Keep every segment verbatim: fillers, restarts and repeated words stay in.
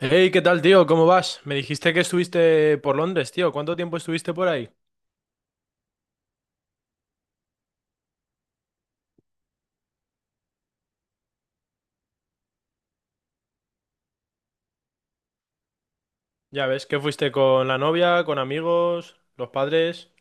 Hey, ¿qué tal, tío? ¿Cómo vas? Me dijiste que estuviste por Londres, tío. ¿Cuánto tiempo estuviste por ahí? Ya ves, que fuiste con la novia, con amigos, los padres.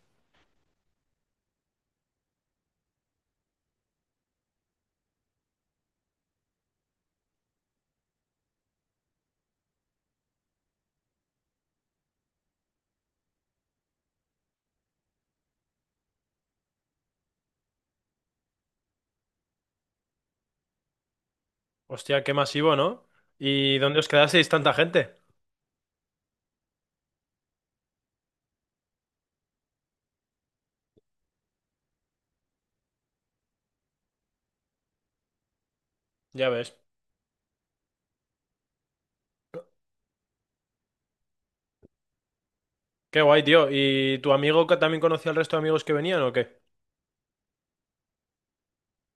Hostia, qué masivo, ¿no? ¿Y dónde os quedasteis tanta gente? Ya ves. Qué guay, tío. ¿Y tu amigo que también conocía al resto de amigos que venían o qué?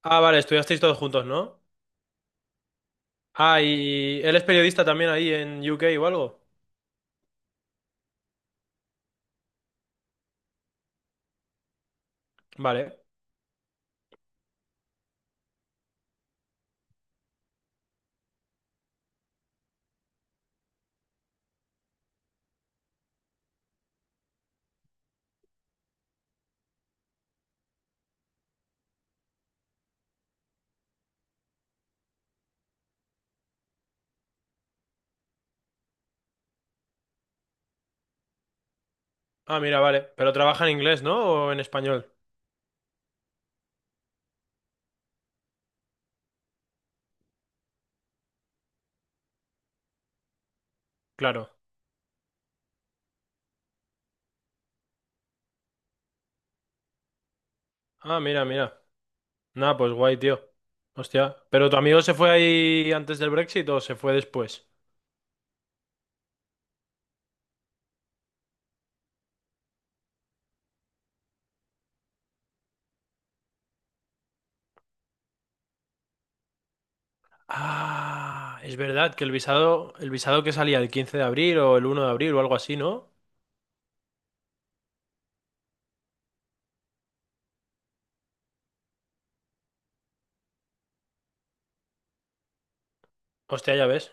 Ah, vale, estudiasteis todos juntos, ¿no? Ah, y él es periodista también ahí en U K o algo. Vale. Ah, mira, vale. Pero trabaja en inglés, ¿no? ¿O en español? Claro. Ah, mira, mira. Nada, pues guay, tío. Hostia. ¿Pero tu amigo se fue ahí antes del Brexit o se fue después? Ah, es verdad que el visado, el visado que salía el quince de abril o el uno de abril o algo así, ¿no? Hostia, ya ves.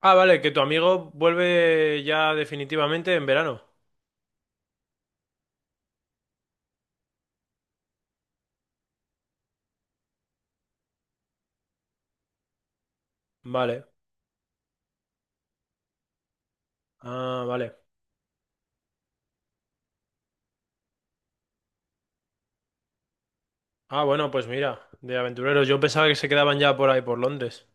Ah, vale, que tu amigo vuelve ya definitivamente en verano. Vale. Ah, vale. Ah, bueno, pues mira, de aventureros. Yo pensaba que se quedaban ya por ahí, por Londres.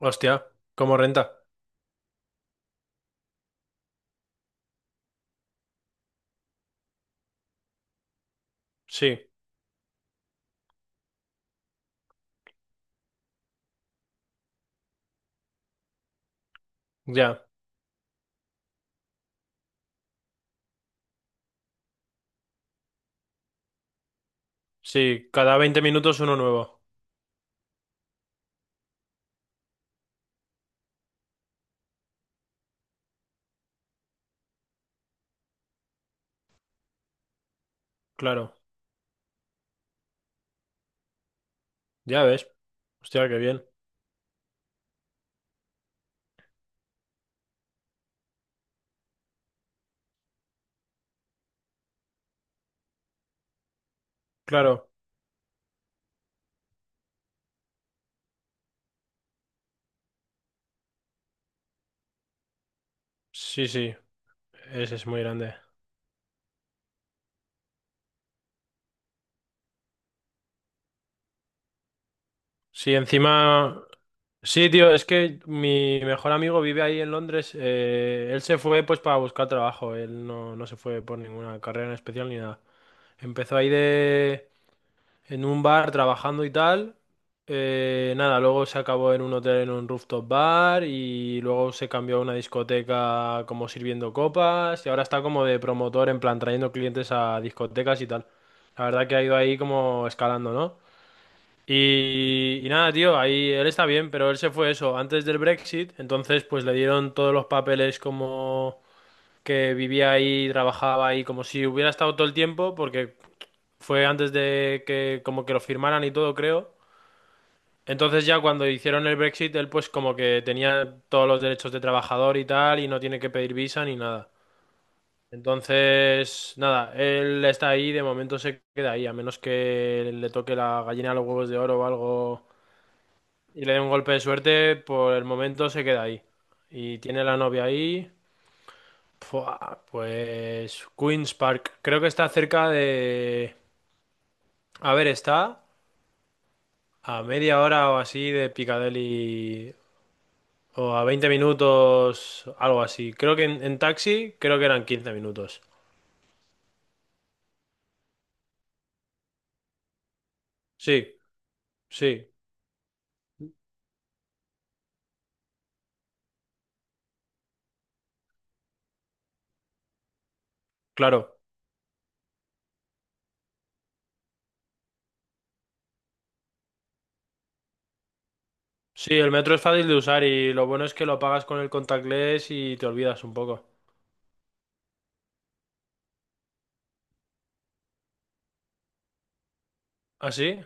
Hostia, ¿cómo renta? Sí, ya. Sí, cada veinte minutos uno nuevo. Claro. Ya ves. Hostia, qué bien. Claro. Sí, sí, ese es muy grande. Sí, encima. Sí, tío, es que mi mejor amigo vive ahí en Londres. Eh, él se fue pues para buscar trabajo. Él no, no se fue por ninguna carrera en especial ni nada. Empezó ahí de... en un bar trabajando y tal. eh, nada, luego se acabó en un hotel en un rooftop bar y luego se cambió a una discoteca como sirviendo copas y ahora está como de promotor en plan trayendo clientes a discotecas y tal. La verdad que ha ido ahí como escalando, ¿no? Y, y nada, tío, ahí él está bien, pero él se fue eso antes del Brexit, entonces pues le dieron todos los papeles como que vivía ahí, trabajaba ahí, como si hubiera estado todo el tiempo, porque fue antes de que como que lo firmaran y todo, creo. Entonces ya cuando hicieron el Brexit, él pues como que tenía todos los derechos de trabajador y tal, y no tiene que pedir visa ni nada. Entonces, nada, él está ahí, de momento se queda ahí, a menos que le toque la gallina a los huevos de oro o algo y le da un golpe de suerte, por el momento se queda ahí. Y tiene la novia ahí. Fua, pues Queen's Park. Creo que está cerca de. A ver, está a media hora o así de Piccadilly o a veinte minutos, algo así. Creo que en, en taxi creo que eran quince minutos. Sí, sí, claro. Sí, el metro es fácil de usar y lo bueno es que lo pagas con el contactless y te olvidas un poco. ¿Ah, sí?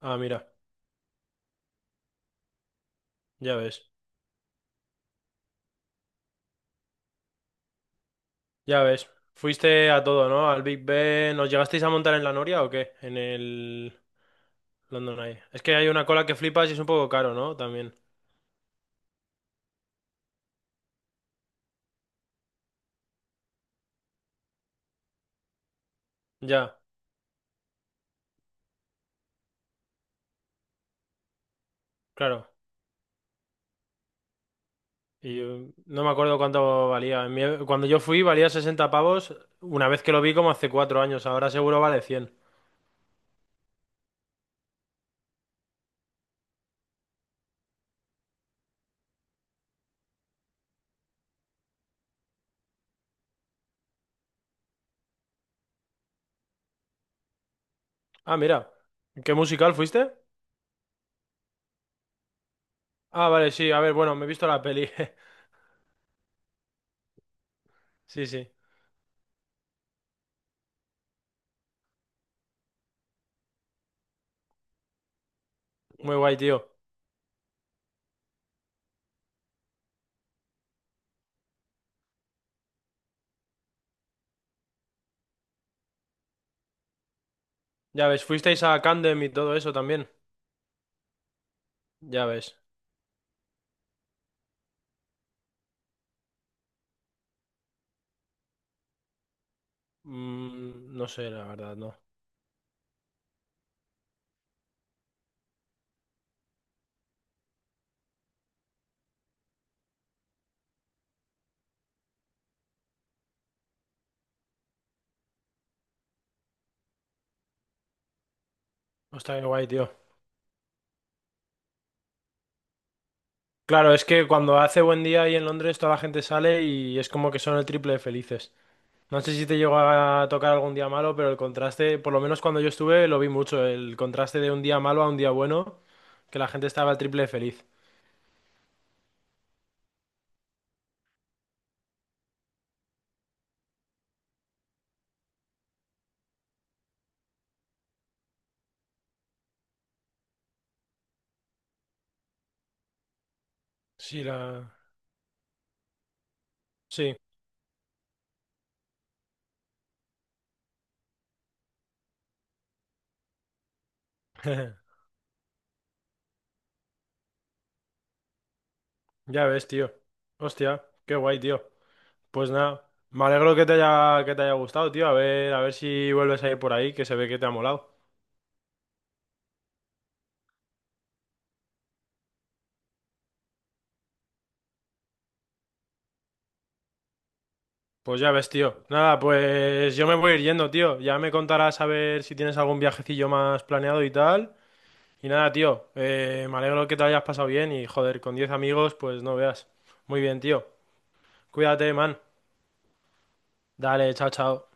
Ah, mira, ya ves. Ya ves, fuiste a todo, ¿no? Al Big Ben. ¿Nos llegasteis a montar en la Noria o qué? En el London Eye. Es que hay una cola que flipas y es un poco caro, ¿no? También. Ya, claro. Y yo no me acuerdo cuánto valía. En mi- Cuando yo fui valía sesenta pavos una vez que lo vi como hace cuatro años. Ahora seguro vale cien. Ah, mira. ¿Qué musical fuiste? Ah, vale, sí. A ver, bueno, me he visto la peli. Sí, sí. Muy guay, tío. Ya ves, fuisteis a Candem y todo eso también. Ya ves. Mm, no sé, la verdad, no. Está bien guay, tío. Claro, es que cuando hace buen día ahí en Londres toda la gente sale y es como que son el triple de felices. No sé si te llegó a tocar algún día malo, pero el contraste, por lo menos cuando yo estuve, lo vi mucho, el contraste de un día malo a un día bueno, que la gente estaba el triple de feliz. Sí, la... sí. Ya ves, tío. Hostia, qué guay, tío. Pues nada, me alegro que te haya, que te haya gustado, tío. A ver, a ver si vuelves a ir por ahí, que se ve que te ha molado. Pues ya ves, tío. Nada, pues yo me voy a ir yendo, tío. Ya me contarás a ver si tienes algún viajecillo más planeado y tal. Y nada, tío, eh, me alegro que te lo hayas pasado bien y joder, con diez amigos, pues no veas. Muy bien, tío. Cuídate, man. Dale, chao, chao.